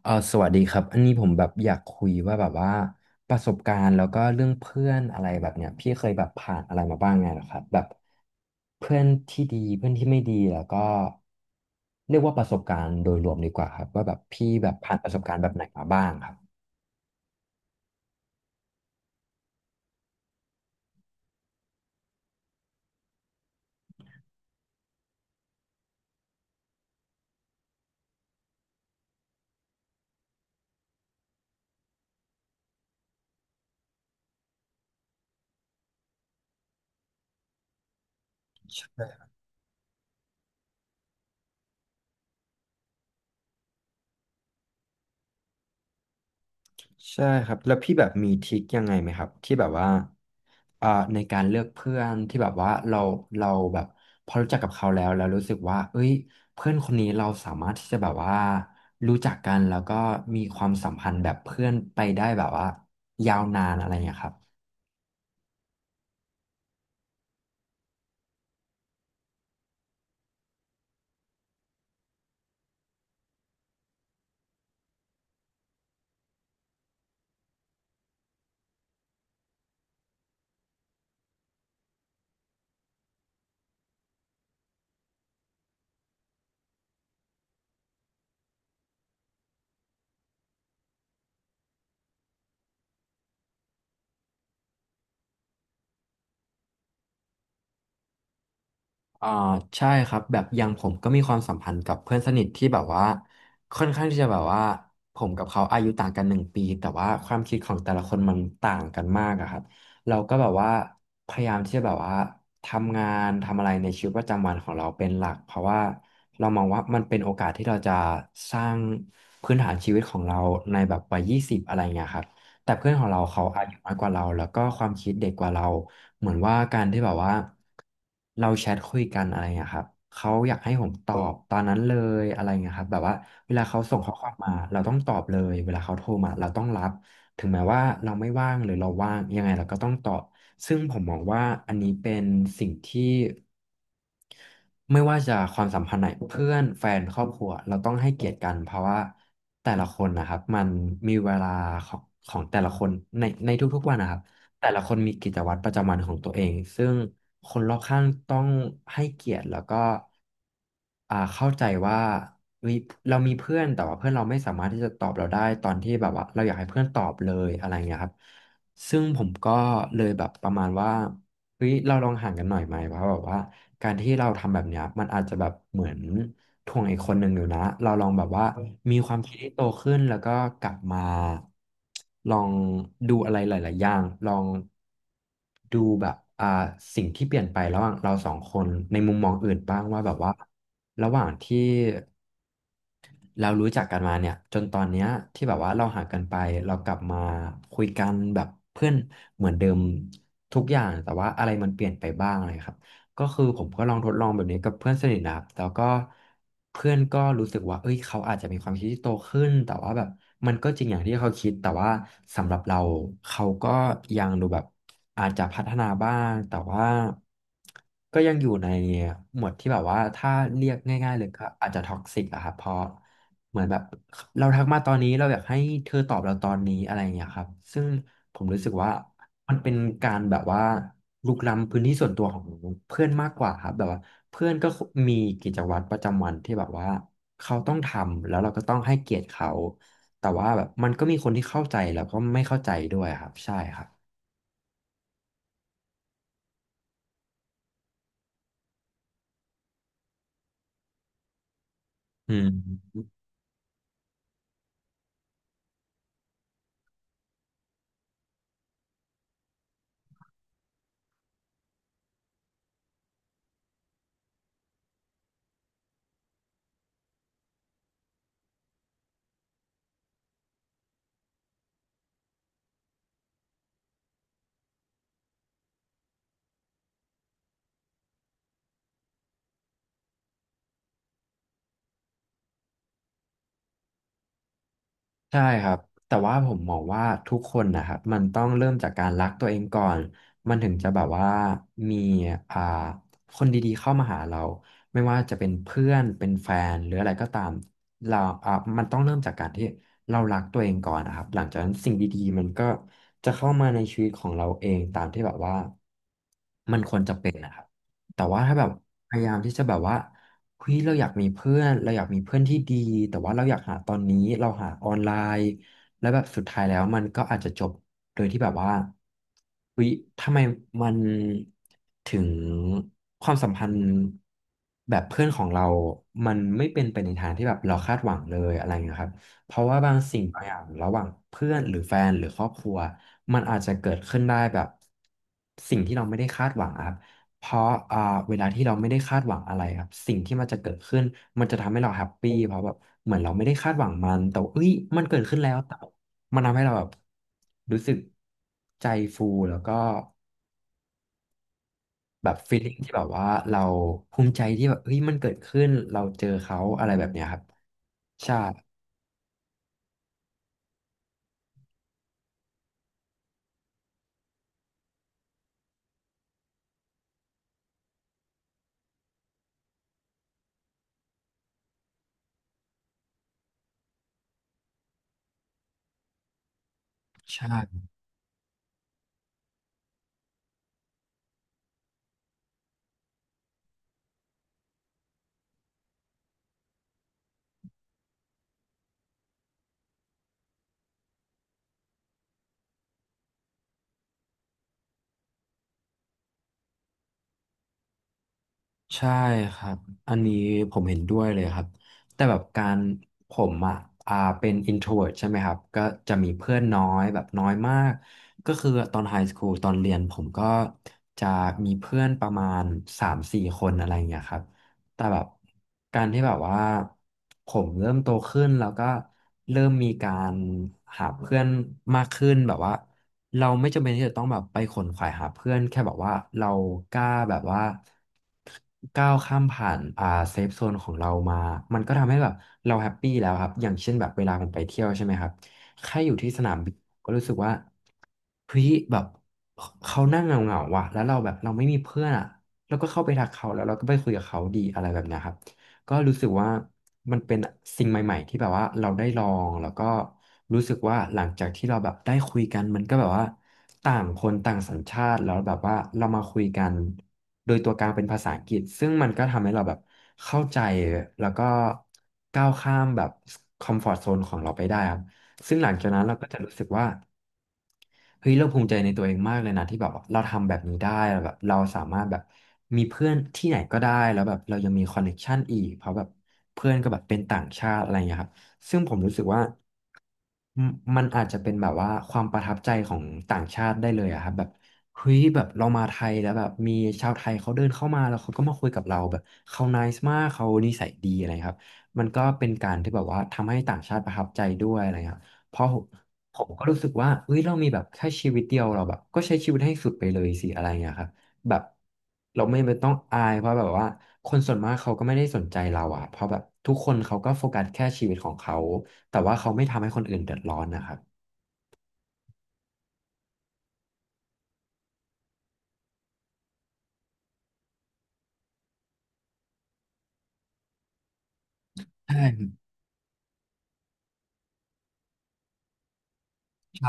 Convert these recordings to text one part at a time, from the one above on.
สวัสดีครับอันนี้ผมแบบอยากคุยว่าแบบว่าประสบการณ์แล้วก็เรื่องเพื่อนอะไรแบบเนี้ยพี่เคยแบบผ่านอะไรมาบ้างไงเหรอครับแบบเพื่อนที่ดีเพื่อนที่ไม่ดีแล้วก็เรียกว่าประสบการณ์โดยรวมดีกว่าครับว่าแบบพี่แบบผ่านประสบการณ์แบบไหนมาบ้างครับ ใช่ครับแล้วพี่แบบมีทริคยังไงไหมครับที่แบบว่าอ่าในการเลือกเพื่อนที่แบบว่าเราแบบพอรู้จักกับเขาแล้วแล้วรู้สึกว่าเอ้ยเพื่อนคนนี้เราสามารถที่จะแบบว่ารู้จักกันแล้วก็มีความสัมพันธ์แบบเพื่อนไปได้แบบว่ายาวนานอะไรอย่างเงี้ยครับ อ่าใช่ครับแบบอย่างผมก็มีความสัมพันธ์กับเพื่อนสนิทที่แบบว่าค่อนข้างที่จะแบบว่าผมกับเขาอายุต่างกัน1 ปีแต่ว่าความคิดของแต่ละคนมันต่างกันมากอะครับเราก็แบบว่าพยายามที่จะแบบว่าทำงานทำอะไรในชีวิตประจำวันของเราเป็นหลักเพราะว่าเรามองว่ามันเป็นโอกาสที่เราจะสร้างพื้นฐานชีวิตของเราในแบบวัย20อะไรเงี้ยครับ แต่เพื่อนของเราเขาอายุน้อยกว่าเราแล้วก็ความคิดเด็กกว่าเราเหมือนว่าการที่แบบว่าเราแชทคุยกันอะไรองี้ยครับเขาอยากให้ผมตอบตอนนั้นเลยอะไรเงี้ยครับแบบว่าเวลาเขาส่งข้อความมาเราต้องตอบเลยเวลาเขาโทรมาเราต้องรับถึงแม้ว่าเราไม่ว่างหรือเราว่างยังไงเราก็ต้องตอบซึ่งผมมองว่าอันนี้เป็นสิ่งที่ ไม่ว่าจะความสัมพันธ์ไหนเพื่อนแฟนครอบครัวเราต้องให้เกียรติกันเพราะว่าแต่ละคนนะครับมันมีเวลาของของแต่ละคนในทุกๆวันนะครับแต่ละคนมีกิจวัตรประจำวันของตัวเองซึ่งคนรอบข้างต้องให้เกียรติแล้วก็เข้าใจว่าเฮ้ยเรามีเพื่อนแต่ว่าเพื่อนเราไม่สามารถที่จะตอบเราได้ตอนที่แบบว่าเราอยากให้เพื่อนตอบเลยอะไรเงี้ยครับ ซึ่งผมก็เลยแบบประมาณว่าเฮ้ยเราลองห่างกันหน่อยไหมเพราะแบบว่าการที่เราทำแบบเนี้ยมันอาจจะแบบเหมือนถ่วงอีกคนหนึ่งอยู่นะเราลองแบบว่ามีความคิดที่โตขึ้นแล้วก็กลับมาลองดูอะไรหลายๆอย่างลองดูแบบสิ่งที่เปลี่ยนไประหว่างเราสองคนในมุมมองอื่นบ้างว่าแบบว่าระหว่างที่ เรารู้จักกันมาเนี่ยจนตอนเนี้ยที่แบบว่าเราห่างกันไปเรากลับมาคุยกันแบบเพื่อนเหมือนเดิมทุกอย่างแต่ว่าอะไรมันเปลี่ยนไปบ้างอะไรครับก็คือผมก็ลองทดลองแบบนี้กับเพื่อนสนิทนะครับแล้วก็เพื่อนก็รู้สึกว่าเอ้ยเขาอาจจะมีความคิดที่โตขึ้นแต่ว่าแบบมันก็จริงอย่างที่เขาคิดแต่ว่าสำหรับเราเขาก็ยังดูแบบอาจจะพัฒนาบ้างแต่ว่าก็ยังอยู่ในหมวดที่แบบว่าถ้าเรียกง่ายๆเลยก็อาจจะท็อกซิกอะครับเพราะ เหมือนแบบเราทักมาตอนนี้เราอยากให้เธอตอบเราตอนนี้อะไรอย่างเงี้ยครับซึ่งผมรู้สึกว่ามันเป็นการแบบว่าลุกล้ำพื้นที่ส่วนตัวของเพื่อนมากกว่าครับแบบว่าเพื่อนก็มีกิจวัตรประจำวันที่แบบว่าเขาต้องทำแล้วเราก็ต้องให้เกียรติเขาแต่ว่าแบบมันก็มีคนที่เข้าใจแล้วก็ไม่เข้าใจด้วยครับใช่ครับอืม ใช่ครับแต่ว่าผมมองว่าทุกคนนะครับมันต้องเริ่มจากการรักตัวเองก่อนมันถึงจะแบบว่ามีอ่าคนดีๆเข้ามาหาเราไม่ว่าจะเป็นเพื่อนเป็นแฟนหรืออะไรก็ตามเราอ่ามันต้องเริ่มจากการที่เรารักตัวเองก่อนนะครับหลังจากนั้นสิ่งดีๆมันก็จะเข้ามาในชีวิตของเราเองตามที่แบบว่ามันควรจะเป็นนะครับ แต่ว่าถ้าแบบพยายามที่จะแบบว่าเฮ้ยเราอยากมีเพื่อนเราอยากมีเพื่อนที่ดีแต่ว่าเราอยากหาตอนนี้เราหาออนไลน์แล้วแบบสุดท้ายแล้วมันก็อาจจะจบโดยที่แบบว่าเฮ้ยทำไมมันถึงความสัมพันธ์แบบเพื่อนของเรา มันไม่เป็นไปในทางที่แบบเราคาดหวังเลยอะไรอย่างเงี้ยครับเพราะว่าบางสิ่งบางอย่างระหว่างเพื่อนหรือแฟนหรือครอบครัวมันอาจจะเกิดขึ้นได้แบบสิ่งที่เราไม่ได้คาดหวังอะครับ เพราะอ่าเวลาที่เราไม่ได้คาดหวังอะไรครับสิ่งที่มันจะเกิดขึ้นมันจะทำให้เราแฮปปี้เพราะแบบเหมือนเราไม่ได้คาดหวังมันแต่ว่าเอ้ยมันเกิดขึ้นแล้วแต่มันทำให้เราแบบรู้สึกใจฟูแล้วก็แบบฟีลลิ่งที่แบบว่าเราภูมิใจที่แบบเฮ้ยมันเกิดขึ้นเราเจอเขาอะไรแบบเนี้ยครับใช่ใช่ ใช่ครับ อันนี้ผมเห็นด้วยเลยครับ แต่แบบการผมอ่ะเป็น introvert ใช่ไหมครับ ก็จะมีเพื่อนน้อยแบบน้อยมาก ก็คือตอนไฮสคูลตอนเรียนผมก็จะมีเพื่อนประมาณ3-4 คนอะไรอย่างเงี้ยครับ แต่แบบการที่แบบว่าผมเริ่มโตขึ้นแล้วก็เริ่มมีการหาเพื่อนมากขึ้นแบบว่า เราไม่จำเป็นที่จะต้องแบบไปขนขวายหาเพื่อนแค่แบบว่าเรากล้าแบบว่าก้าวข้ามผ่านเซฟโซนของเรามามันก็ทำให้แบบเราแฮปปี้แล้วครับอย่างเช่นแบบเวลาผมไปเที่ยวใช่ไหมครับแค่อยู่ที่สนามบินก็รู้สึกว่าเฮ้ยแบบเขานั่งเหงาๆว่ะแล้วเราแบบเราไม่มีเพื่อนอ่ะแล้วก็เข้าไปทักเขาแล้วเราก็ไปคุยกับเขาดีอะไรแบบเนี้ยครับ ก็รู้สึกว่ามันเป็นสิ่งใหม่ๆที่แบบว่าเราได้ลองแล้วก็รู้สึกว่าหลังจากที่เราแบบได้คุยกันมันก็แบบว่าต่างคนต่างสัญชาติแล้วแบบว่าเรามาคุยกันโดยตัวกลางเป็นภาษาอังกฤษซึ่งมันก็ทำให้เราแบบเข้าใจแล้วก็ก้าวข้ามแบบคอมฟอร์ z โซนของเราไปได้ครับซึ่งหลังจากนั้นเราก็จะรู้สึกว่า เฮ้ยเราภูมิใจในตัวเองมากเลยนะที่แบบว่าเราทำแบบนี้ได้แบบเราสามารถแบบมีเพื่อนที่ไหนก็ได้แล้วแบบเรายังมีคอนเน c t ชันอีกเพราะแบบเพื่อนก็แบบเป็นต่างชาติอะไรอย่างเงี้ยครับซึ่งผมรู้สึกว่ามันมันอาจจะเป็นแบบว่าความประทับใจของต่างชาติได้เลยอะครับแบบเฮ้ยแบบเรามาไทยแล้วแบบมีชาวไทยเขาเดินเข้ามาแล้วเขาก็มาคุยกับเราแบบเขาไนซ์มากเขานิสัยดีอะไรครับมันก็เป็นการที่แบบว่าทำให้ต่างชาติประทับใจด้วยอะไรครับ เพราะผมก็รู้สึกว่าเฮ้ยเรามีแบบแค่ชีวิตเดียวเราแบบ ก็ใช้ชีวิตให้สุดไปเลยสิอะไรอย่างเงี้ยครับแบบเราไม่ต้องอายเพราะแบบว่าคนส่วนมากเขาก็ไม่ได้สนใจเราอะเพราะแบบทุกคนเขาก็โฟกัสแค่ชีวิตของเขา แต่ว่าเขาไม่ทำให้คนอื่นเดือดร้อนนะครับ ใช่ใช่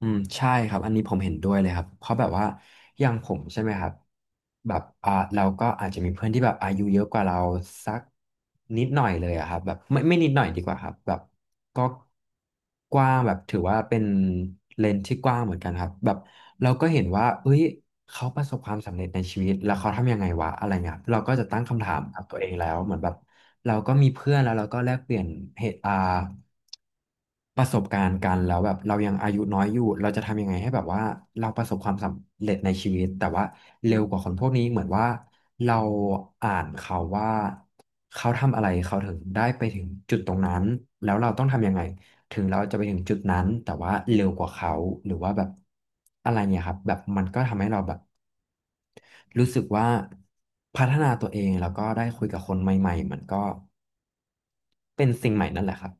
อืมใช่ครับอันนี้ผมเห็นด้วยเลยครับเพราะแบบว่าอย่างผมใช่ไหมครับแบบเราก็อาจจะมีเพื่อนที่แบบอายุเยอะกว่าเราสักนิดหน่อยเลยอะครับแบบไม่นิดหน่อยดีกว่าครับแบบก็กว้างแบบถือว่าเป็นเลนส์ที่กว้างเหมือนกันครับแบบเราก็เห็นว่าเอ้ยเขาประสบความสำเร็จในชีวิตแล้วเขาทำยังไงวะอะไรเงี้ยครับเราก็จะตั้งคำถามกับตัวเองแล้วเหมือนแบบเราก็มีเพื่อนแล้วเราก็แลกเปลี่ยนเหตุอ่า ประสบการณ์กันแล้วแบบเรายังอายุน้อยอยู่เราจะทำยังไงให้แบบว่าเราประสบความสำเร็จในชีวิตแต่ว่าเร็วกว่าคนพวกนี้เหมือนว่าเราอ่านเขาว่าเขาทำอะไรเขาถึงได้ไปถึงจุดตรงนั้นแล้วเราต้องทำยังไงถึงเราจะไปถึงจุดนั้นแต่ว่าเร็วกว่าเขาหรือว่าแบบอะไรเนี่ยครับแบบมันก็ทำให้เราแบบรู้สึกว่าพัฒนาตัวเองแล้วก็ได้คุยกับคนใหม่ๆมันก็เป็นสิ่งใหม่นั่นแหละครับ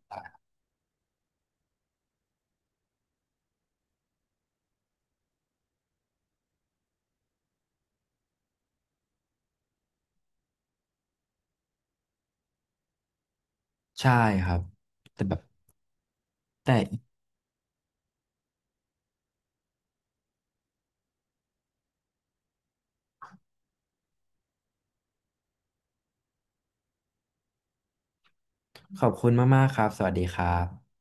ใช่ครับแต่แบบ แต่ขอบคุณมากๆครับ สวัสดีครับ